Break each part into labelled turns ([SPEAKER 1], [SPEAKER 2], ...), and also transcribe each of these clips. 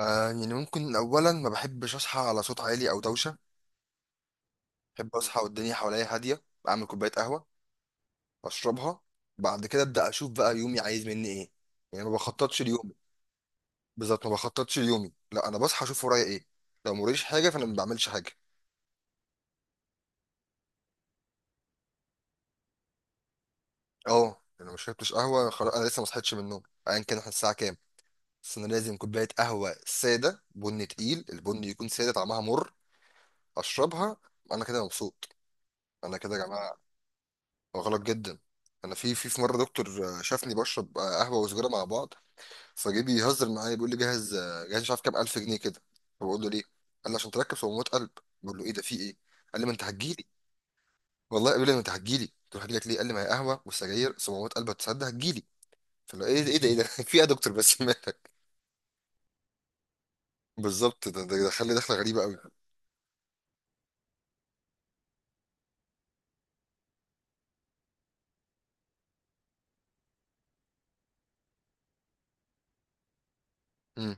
[SPEAKER 1] آه يعني ممكن اولا ما بحبش اصحى على صوت عالي او دوشه. بحب اصحى والدنيا حواليا هاديه، اعمل كوبايه قهوه اشربها. بعد كده ابدا اشوف بقى يومي عايز مني ايه، يعني ما بخططش ليومي. بالظبط، ما بخططش ليومي، لا انا بصحى اشوف ورايا ايه. لو موريش حاجه فانا ما بعملش حاجه. اه، انا ما شربتش قهوه خلاص، انا لسه ما صحيتش من النوم ايا كان احنا الساعه كام. بس انا لازم كوبايه قهوه ساده بن تقيل، البن يكون ساده طعمها مر، اشربها. انا كده مبسوط، انا كده يا جماعه. غلط جدا. انا في مره دكتور شافني بشرب قهوه وسجاره مع بعض. فجه بيهزر معايا، بيقول لي جاهز جاهز مش عارف كام الف جنيه كده. فبقول له ليه؟ قال لي عشان تركب صمامات قلب. بقول له ايه ده، في ايه؟ قال لي ما انت هتجيلي. والله قال لي ما انت هتجيلي، قلت له هجيلك ليه؟ قال لي ما هي قهوه والسجاير صمامات قلب، هتصدق هتجيلي. فلو ايه ده ايه ده ايه ده في ايه يا دكتور بس مالك؟ بالظبط، ده دخل لي دخله غريبه قوي. امم.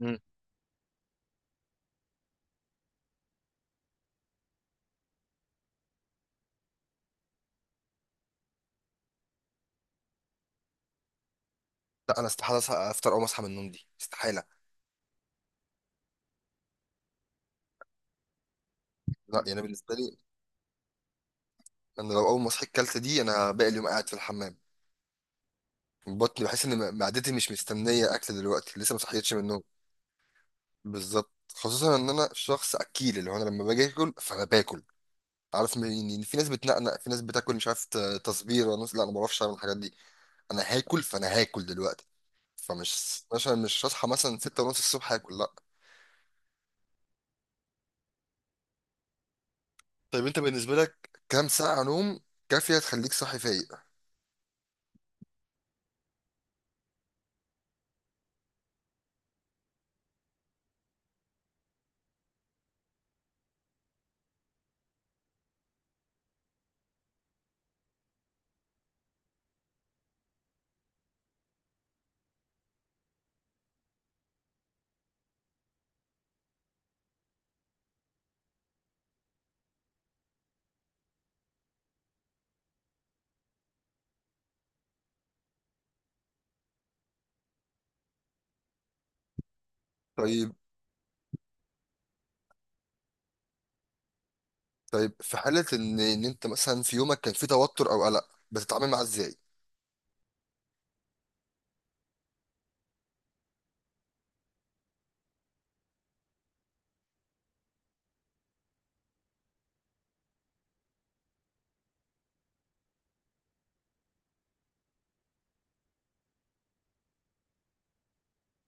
[SPEAKER 1] مم. لا انا استحاله افطر اول ما اصحى من النوم، دي استحاله. لا يعني بالنسبه لي، انا لو اول ما صحيت كلت دي انا باقي اليوم قاعد في الحمام. بطني بحس ان معدتي مش مستنيه اكل دلوقتي، لسه ما صحيتش من النوم. بالظبط، خصوصا ان انا شخص اكيل. اللي هو انا لما باجي اكل فانا باكل. عارف يعني في ناس بتنقنق، في ناس بتاكل مش عارف تصبير، وناس لا انا ما بعرفش اعمل الحاجات دي. انا هاكل فانا هاكل دلوقتي. فمش مثلا مش هصحى مثلا 6 ونص الصبح هاكل، لا. طيب انت بالنسبه لك كام ساعه نوم كافيه تخليك صاحي فايق؟ طيب، طيب في حاله ان انت مثلا في يومك كان في توتر او قلق، بتتعامل معاه ازاي؟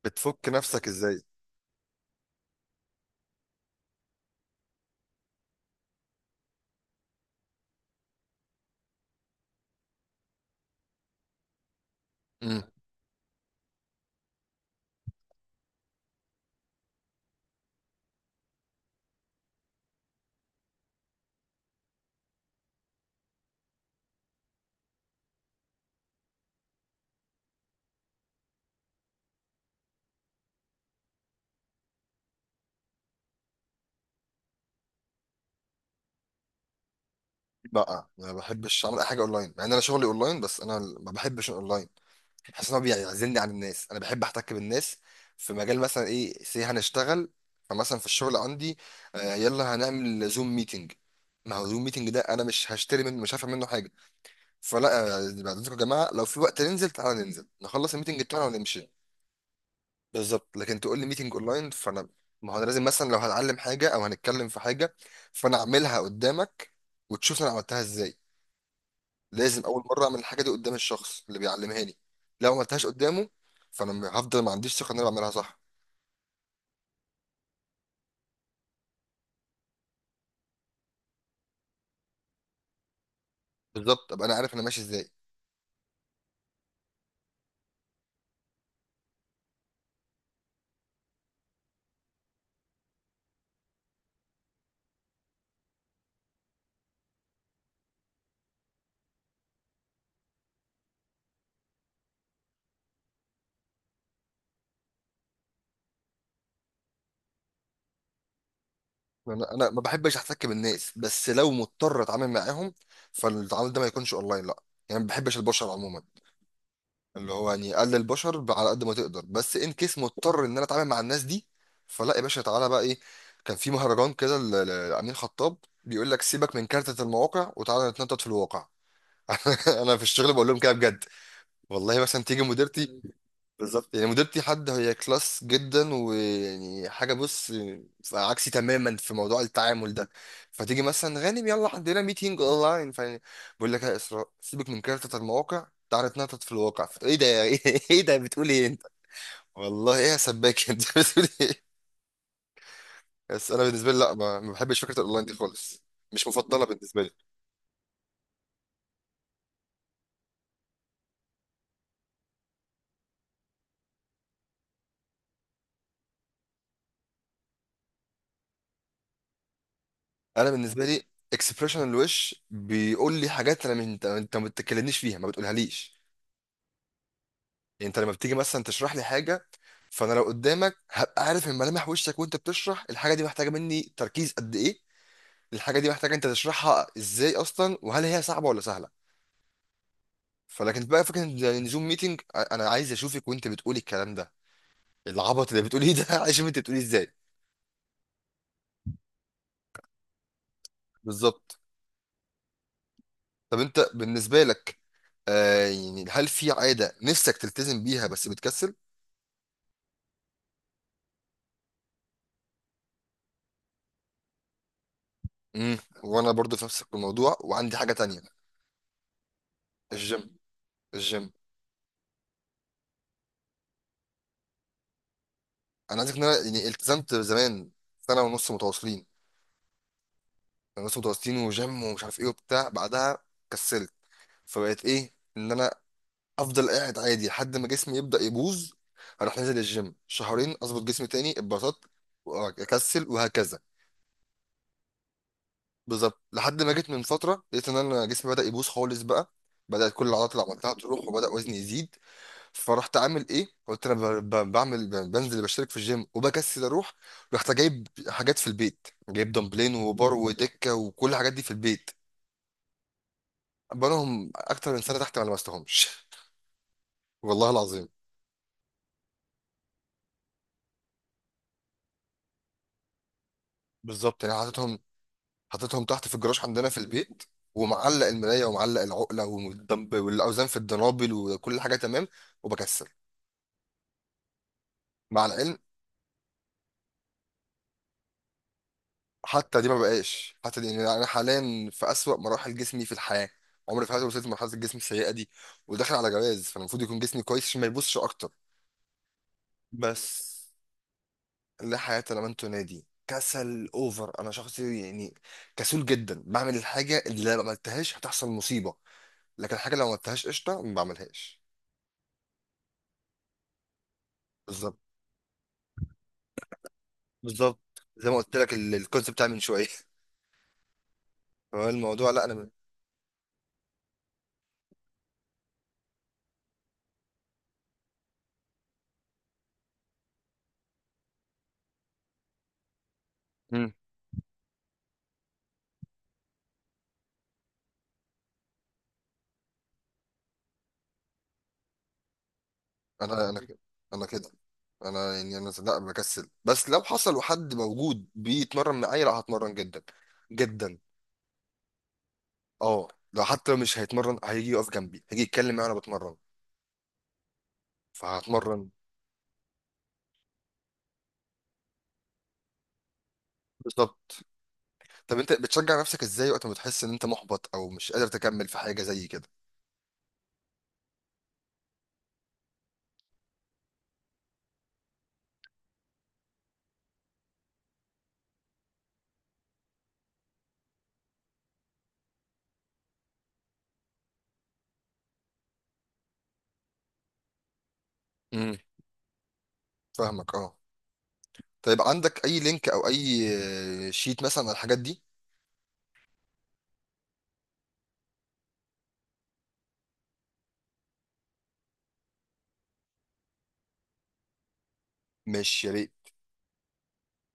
[SPEAKER 1] بتفك نفسك ازاي؟ إمم. لا ما بحبش اعمل اي حاجه اونلاين، مع ان انا شغلي اونلاين، بس انا ما بحبش الاونلاين. بحس ان هو بيعزلني عن الناس، انا بحب احتك بالناس. في مجال مثلا ايه سي هنشتغل، فمثلا في الشغل عندي يلا هنعمل زوم ميتنج. ما هو زوم ميتنج ده انا مش هشتري منه، مش هفهم منه حاجه. فلا بعد اذنكم يا جماعه، لو في وقت ننزل، تعالى ننزل نخلص الميتنج بتاعنا ونمشي. بالظبط، لكن تقول لي ميتنج اونلاين فانا، ما هو انا لازم مثلا لو هتعلم حاجه او هنتكلم في حاجه، فانا اعملها قدامك وتشوف انا عملتها ازاي. لازم اول مره اعمل الحاجه دي قدام الشخص اللي بيعلمها لي. لو ما عملتهاش قدامه فانا هفضل ما عنديش ثقه ان انا بعملها صح. بالظبط، ابقى انا عارف انا ماشي ازاي. انا ما بحبش احتك بالناس، بس لو مضطر اتعامل معاهم فالتعامل ده ما يكونش اونلاين، لا. يعني ما بحبش البشر عموما، اللي هو يعني قلل البشر على قد ما تقدر، بس ان كيس مضطر ان انا اتعامل مع الناس دي، فلا يا باشا، تعالى بقى ايه. كان في مهرجان كده لامين خطاب بيقول لك سيبك من كارتة المواقع وتعالى نتنطط في الواقع. انا في الشغل بقول لهم كده بجد. والله مثلا تيجي مديرتي، بالظبط يعني مديرتي حد هي كلاس جدا، ويعني حاجه بص عكسي تماما في موضوع التعامل ده. فتيجي مثلا غانم يلا عندنا ميتينج اونلاين، فبقول لك يا اسراء سيبك من كارتة المواقع تعالى تنطط في الواقع. ايه ده يا- ايه ده بتقول ايه انت؟ والله ايه يا سباك انت بتقول ايه؟ بس انا بالنسبه لي لا، ما بحبش فكره الاونلاين دي خالص، مش مفضله بالنسبه لي. انا بالنسبه لي اكسبريشن الوش بيقول لي حاجات، انا من انت انت ما بتتكلمنيش فيها، ما بتقولها ليش. يعني انت لما بتيجي مثلا تشرح لي حاجه، فانا لو قدامك هبقى عارف من ملامح وشك وانت بتشرح، الحاجه دي محتاجه مني تركيز قد ايه، الحاجه دي محتاجه انت تشرحها ازاي اصلا، وهل هي صعبه ولا سهله. فلكن بقى فكره ان زوم ميتنج، انا عايز اشوفك وانت بتقولي الكلام ده، العبط اللي بتقوليه ده عايز اشوف انت بتقوليه ازاي. بالظبط. طب انت بالنسبه لك، آه يعني هل في عاده نفسك تلتزم بيها بس بتكسل؟ امم. وانا برضو في نفس الموضوع، وعندي حاجه تانية، الجيم. الجيم، انا عايزك ان انا يعني التزمت زمان سنه ونص متواصلين، سنه ونص متواصلين وجيم ومش عارف ايه وبتاع، بعدها كسلت. فبقيت ايه، ان انا افضل قاعد عادي لحد ما جسمي يبدا يبوظ، اروح نازل الجيم شهرين اظبط جسمي تاني، اتبسطت واكسل، وهكذا. بالظبط، لحد ما جيت من فتره لقيت ان انا جسمي بدا يبوظ خالص بقى، بدات كل العضلات اللي عملتها تروح، وبدا وزني يزيد. فرحت عامل ايه، قلت انا بعمل بنزل بشترك في الجيم، وبكسل اروح. رحت جايب حاجات في البيت، جايب دمبلين وبار ودكه وكل الحاجات دي في البيت. بقالهم اكتر من سنه تحت ما لمستهمش. والله العظيم. بالظبط يعني حطيتهم، حطيتهم تحت في الجراج عندنا في البيت، ومعلق المرايه ومعلق العقله والدمب والاوزان في الدنابل وكل حاجه تمام، وبكسل. مع العلم حتى دي ما بقاش، حتى دي يعني انا حاليا في اسوأ مراحل جسمي في الحياه، عمري في حياتي ما وصلت لمرحله الجسم السيئه دي، وداخل على جواز فانا المفروض يكون جسمي كويس عشان ما يبصش اكتر. بس لا حياه لمن تنادي، كسل اوفر. انا شخص يعني كسول جدا، بعمل الحاجه اللي لو ما عملتهاش هتحصل مصيبه، لكن الحاجه اللي لو ما عملتهاش قشطه ما بعملهاش. بالظبط، بالظبط. زي ما قلت لك الكونسيبت بتاع من شويه. فهو الموضوع لا انا، انا كده، انا كده. انا يعني انا لا بكسل، بس لو حصل وحد موجود بيتمرن معايا لا هتمرن جدا جدا. اه، لو حتى مش هيتمرن هيجي يقف جنبي، هيجي يتكلم معايا وانا بتمرن، فهتمرن. بالظبط. طب انت بتشجع نفسك ازاي وقت ما بتحس ان انت محبط او مش قادر تكمل في حاجه زي كده؟ امم. فاهمك اه. طيب عندك اي لينك او اي شيت مثلا على الحاجات دي؟ مش